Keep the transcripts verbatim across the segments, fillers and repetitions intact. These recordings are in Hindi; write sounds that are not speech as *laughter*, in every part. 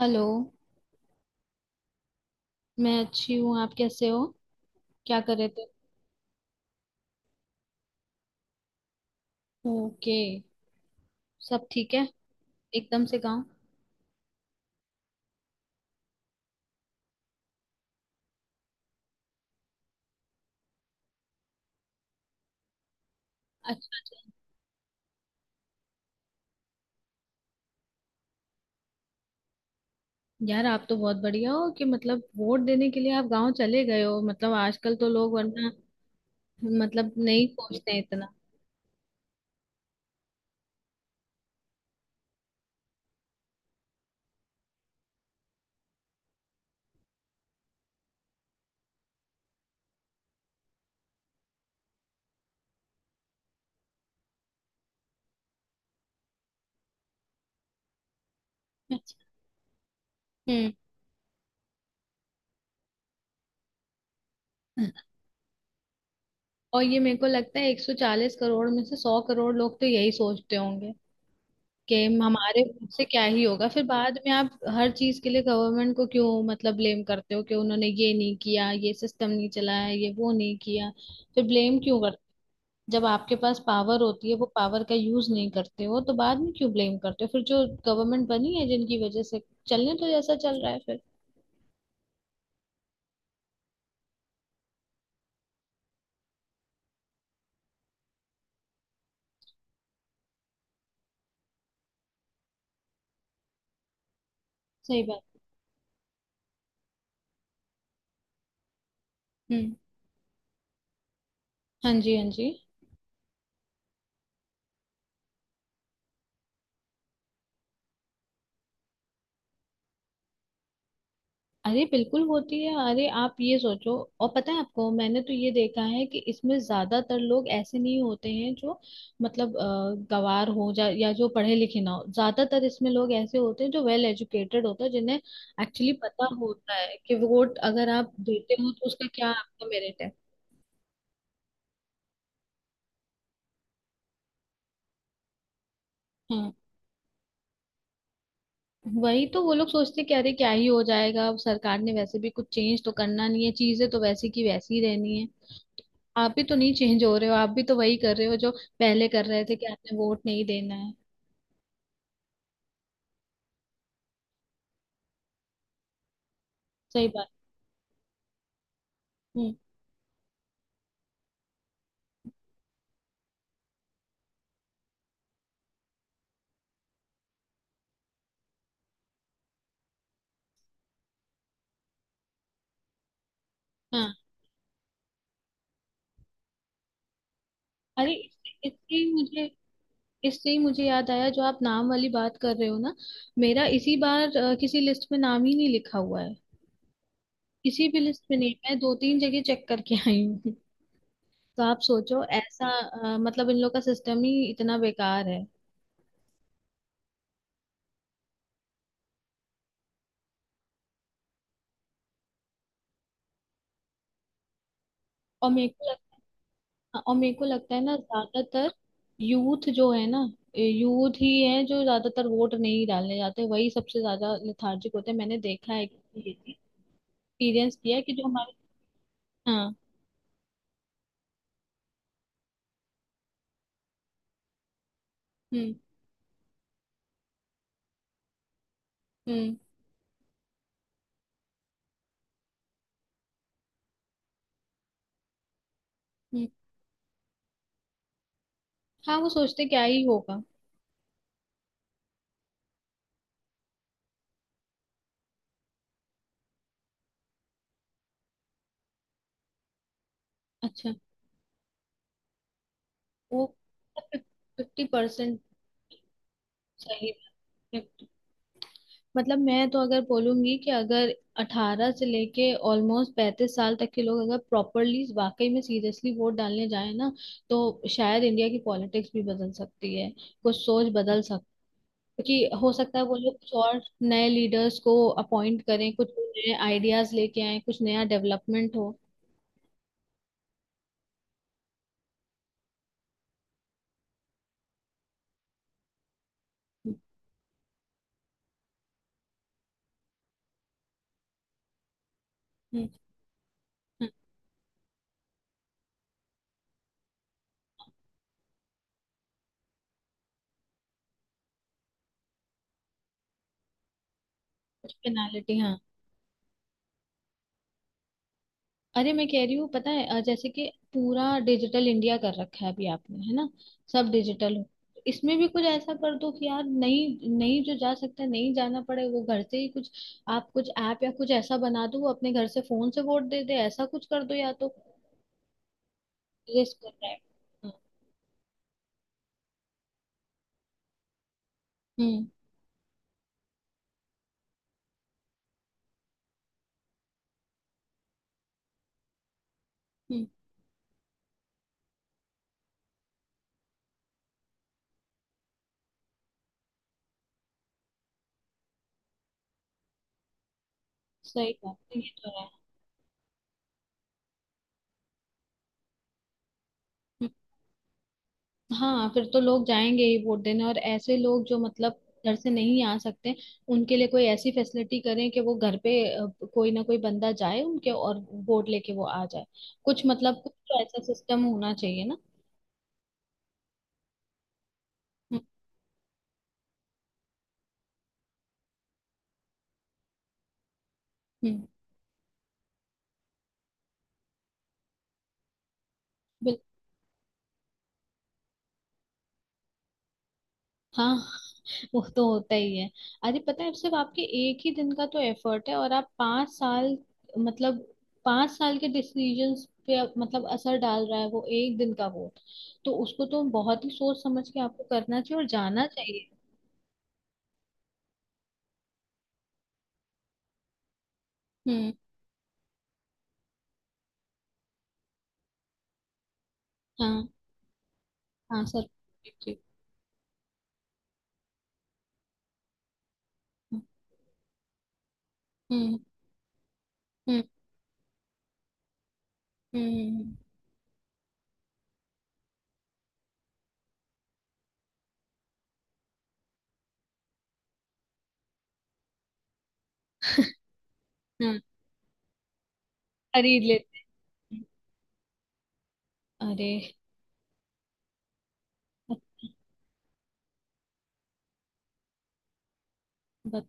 हेलो। मैं अच्छी हूँ। आप कैसे हो? क्या कर रहे थे? ओके। सब ठीक है। एकदम से गांव? अच्छा। यार आप तो बहुत बढ़िया हो कि मतलब वोट देने के लिए आप गांव चले गए हो। मतलब आजकल तो लोग वरना मतलब नहीं सोचते इतना। अच्छा। हम्म। और ये मेरे को लगता है एक सौ चालीस करोड़ में से एक सौ करोड़ लोग तो यही सोचते होंगे कि हमारे खुद से क्या ही होगा। फिर बाद में आप हर चीज के लिए गवर्नमेंट को क्यों मतलब ब्लेम करते हो कि उन्होंने ये नहीं किया, ये सिस्टम नहीं चलाया, ये वो नहीं किया। फिर ब्लेम क्यों करते। जब आपके पास पावर होती है वो पावर का यूज नहीं करते हो तो बाद में क्यों ब्लेम करते हो? फिर जो गवर्नमेंट बनी है जिनकी वजह से चलने तो जैसा चल रहा है फिर। सही बात। हम्म। हाँ जी, हाँ जी। अरे बिल्कुल होती है। अरे आप ये सोचो। और पता है आपको, मैंने तो ये देखा है कि इसमें ज्यादातर लोग ऐसे नहीं होते हैं जो मतलब अ, गवार हो जा या जो पढ़े लिखे ना हो। ज्यादातर इसमें लोग ऐसे होते हैं जो वेल एजुकेटेड होते हैं जिन्हें एक्चुअली पता होता है कि वोट अगर आप देते हो तो उसका क्या आपका मेरिट है। हाँ, वही तो, वो लोग सोचते कि अरे क्या ही हो जाएगा, अब सरकार ने वैसे भी कुछ चेंज तो करना नहीं है, चीजें तो वैसी की वैसी ही रहनी है। आप भी तो नहीं चेंज हो रहे हो, आप भी तो वही कर रहे हो जो पहले कर रहे थे कि आपने वोट नहीं देना है। सही बात। हम्म। हाँ। अरे इससे इससे ही मुझे इससे ही मुझे याद आया जो आप नाम वाली बात कर रहे हो ना। मेरा इसी बार अ, किसी लिस्ट में नाम ही नहीं लिखा हुआ है। किसी भी लिस्ट में नहीं। मैं दो तीन जगह चेक करके आई हूँ। *laughs* तो आप सोचो ऐसा, अ, मतलब इन लोग का सिस्टम ही इतना बेकार है। और मेरे को हाँ, और मेरे को लगता है ना ज्यादातर यूथ जो है ना, यूथ ही है जो ज्यादातर वोट नहीं डालने जाते, वही सबसे ज्यादा लेथार्जिक होते हैं। मैंने देखा है, एक्सपीरियंस किया है कि जो हमारे। हाँ। हम्म। हम्म। हम्म। हाँ, वो सोचते क्या ही होगा। अच्छा। वो फिफ्टी परसेंट। सही है। मतलब मैं तो अगर बोलूंगी कि अगर अठारह से लेके ऑलमोस्ट पैंतीस साल तक के लोग अगर प्रॉपरली वाकई में सीरियसली वोट डालने जाए ना, तो शायद इंडिया की पॉलिटिक्स भी बदल सकती है, कुछ सोच बदल सकती कि हो सकता है वो लोग कुछ और नए लीडर्स को अपॉइंट करें, कुछ नए आइडियाज लेके आए, कुछ नया डेवलपमेंट हो। हम्म। हम्म। कुछ पेनालिटी। हाँ। अरे मैं कह रही हूँ, पता है अ, जैसे कि पूरा डिजिटल इंडिया कर रखा है अभी आपने, है ना? सब डिजिटल हो। इसमें भी कुछ ऐसा कर दो कि यार नहीं नहीं, जो जा सकता है, नहीं जाना पड़े वो घर से ही कुछ। आप कुछ ऐप या कुछ ऐसा बना दो, वो अपने घर से फोन से वोट दे दे, ऐसा कुछ कर दो या तो। रिस्क कर रहा है। हम्म। हम्म। सही बात है, ये तो है। हाँ, फिर तो लोग जाएंगे ही वोट देने। और ऐसे लोग जो मतलब घर से नहीं आ सकते, उनके लिए कोई ऐसी फैसिलिटी करें कि वो घर पे, अ, कोई ना कोई बंदा जाए उनके, और वोट लेके वो आ जाए। कुछ मतलब कुछ तो ऐसा सिस्टम होना चाहिए ना। हम्म। हम्म। बिल- हाँ, वो तो होता ही है। अरे पता है, सिर्फ आपके एक ही दिन का तो एफर्ट है और आप पांच साल, मतलब पांच साल के डिसीजंस पे आप- मतलब असर डाल रहा है वो एक दिन का वोट। तो उसको तो बहुत ही सोच समझ के आपको करना चाहिए और जाना चाहिए। हम्म। हाँ, हाँ सर। ठीक। हम्म। हम्म। हम्म। हम्म। हम्म। हाँ, खरीद लेते हैं। अरे बत,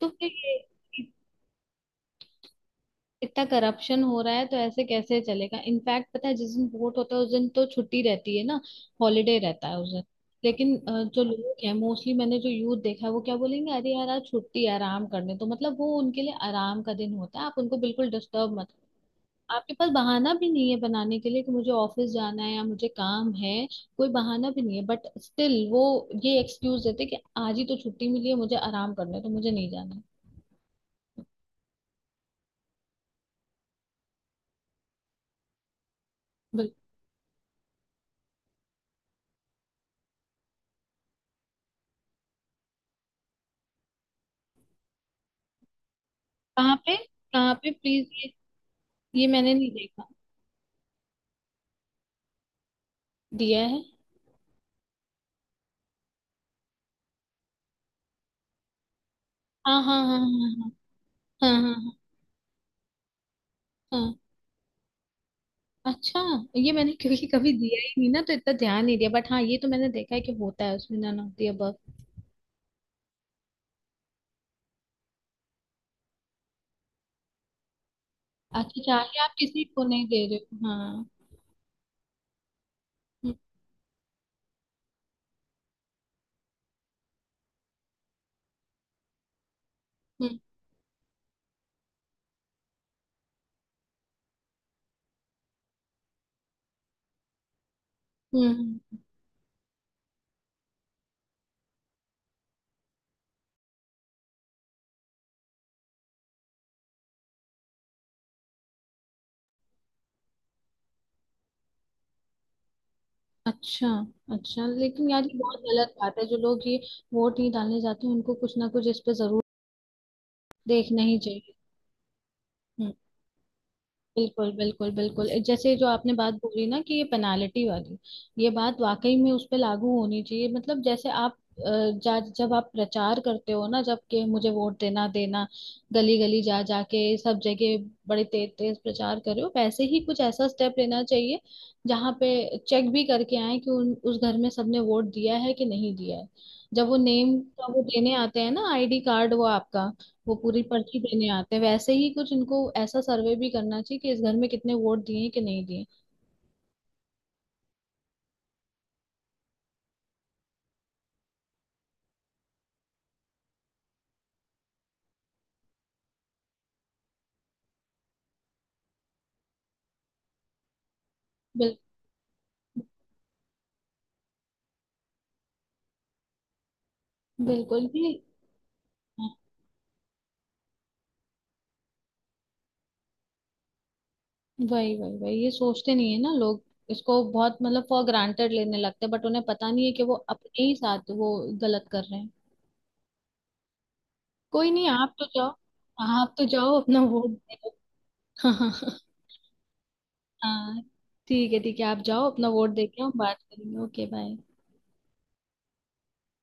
तो फिर ये इतना करप्शन हो रहा है, तो ऐसे कैसे चलेगा? इनफैक्ट पता है, जिस दिन वोट होता है उस दिन तो छुट्टी रहती है ना, हॉलीडे रहता है उस दिन। लेकिन अ, जो लोग हैं मोस्टली, मैंने जो यूथ देखा है, वो क्या बोलेंगे, अरे यार आज छुट्टी है, आराम करने। तो मतलब वो उनके लिए आराम का दिन होता है, आप उनको बिल्कुल डिस्टर्ब मत। आपके पास बहाना भी नहीं है बनाने के लिए कि मुझे ऑफिस जाना है या मुझे काम है। कोई बहाना भी नहीं है, बट स्टिल वो ये एक्सक्यूज देते कि आज ही तो छुट्टी मिली है, मुझे आराम करना है, तो मुझे नहीं जाना है। बिल्कुल। कहाँ पे, कहाँ पे प्लीज? ये मैंने नहीं देखा। दिया है। हाँ, हाँ, हाँ, हाँ, हाँ। हाँ, हाँ, हाँ, हाँ। हाँ। अच्छा, ये मैंने क्योंकि कभी दिया ही नहीं ना तो इतना ध्यान नहीं दिया, बट हाँ, ये तो मैंने देखा है कि होता है उसमें, नन ऑफ द अबव। अच्छा, चाहे आप किसी को नहीं दे रहे हो। हाँ। हम्म। हम्म। हम्म। हम्म। अच्छा। अच्छा लेकिन यार, ये बहुत गलत बात है। जो लोग ये वोट नहीं डालने जाते हैं, उनको कुछ ना कुछ इस पे जरूर देखना ही चाहिए। बिल्कुल, बिल्कुल, बिल्कुल। ए, जैसे जो आपने बात बोली ना कि ये पेनाल्टी वाली, ये बात वाकई में उस पे लागू होनी चाहिए। मतलब जैसे आप अ, जा जब आप प्रचार करते हो ना, जब के मुझे वोट देना देना, गली गली जा जाके सब जगह, बड़े तेज तेज प्रचार कर रहे हो, वैसे ही कुछ ऐसा स्टेप लेना चाहिए, जहाँ पे चेक भी करके आए कि उन उस घर में सबने वोट दिया है कि नहीं दिया है। जब वो नेम का वो देने आते हैं ना, आईडी कार्ड, वो आपका वो पूरी पर्ची देने आते हैं, वैसे ही कुछ इनको ऐसा सर्वे भी करना चाहिए कि इस घर में कितने वोट दिए कि नहीं दिए। बिल, बिल्कुल भी। हाँ, वही वही वही ये सोचते नहीं है ना लोग। इसको बहुत मतलब फॉर ग्रांटेड लेने लगते हैं, बट उन्हें पता नहीं है कि वो अपने ही साथ वो गलत कर रहे हैं। कोई नहीं, आप तो जाओ। आप तो जाओ अपना वोट दे दो। *laughs* हाँ, ठीक है, ठीक है, आप जाओ अपना वोट दे के हम बात करेंगे। Okay bye.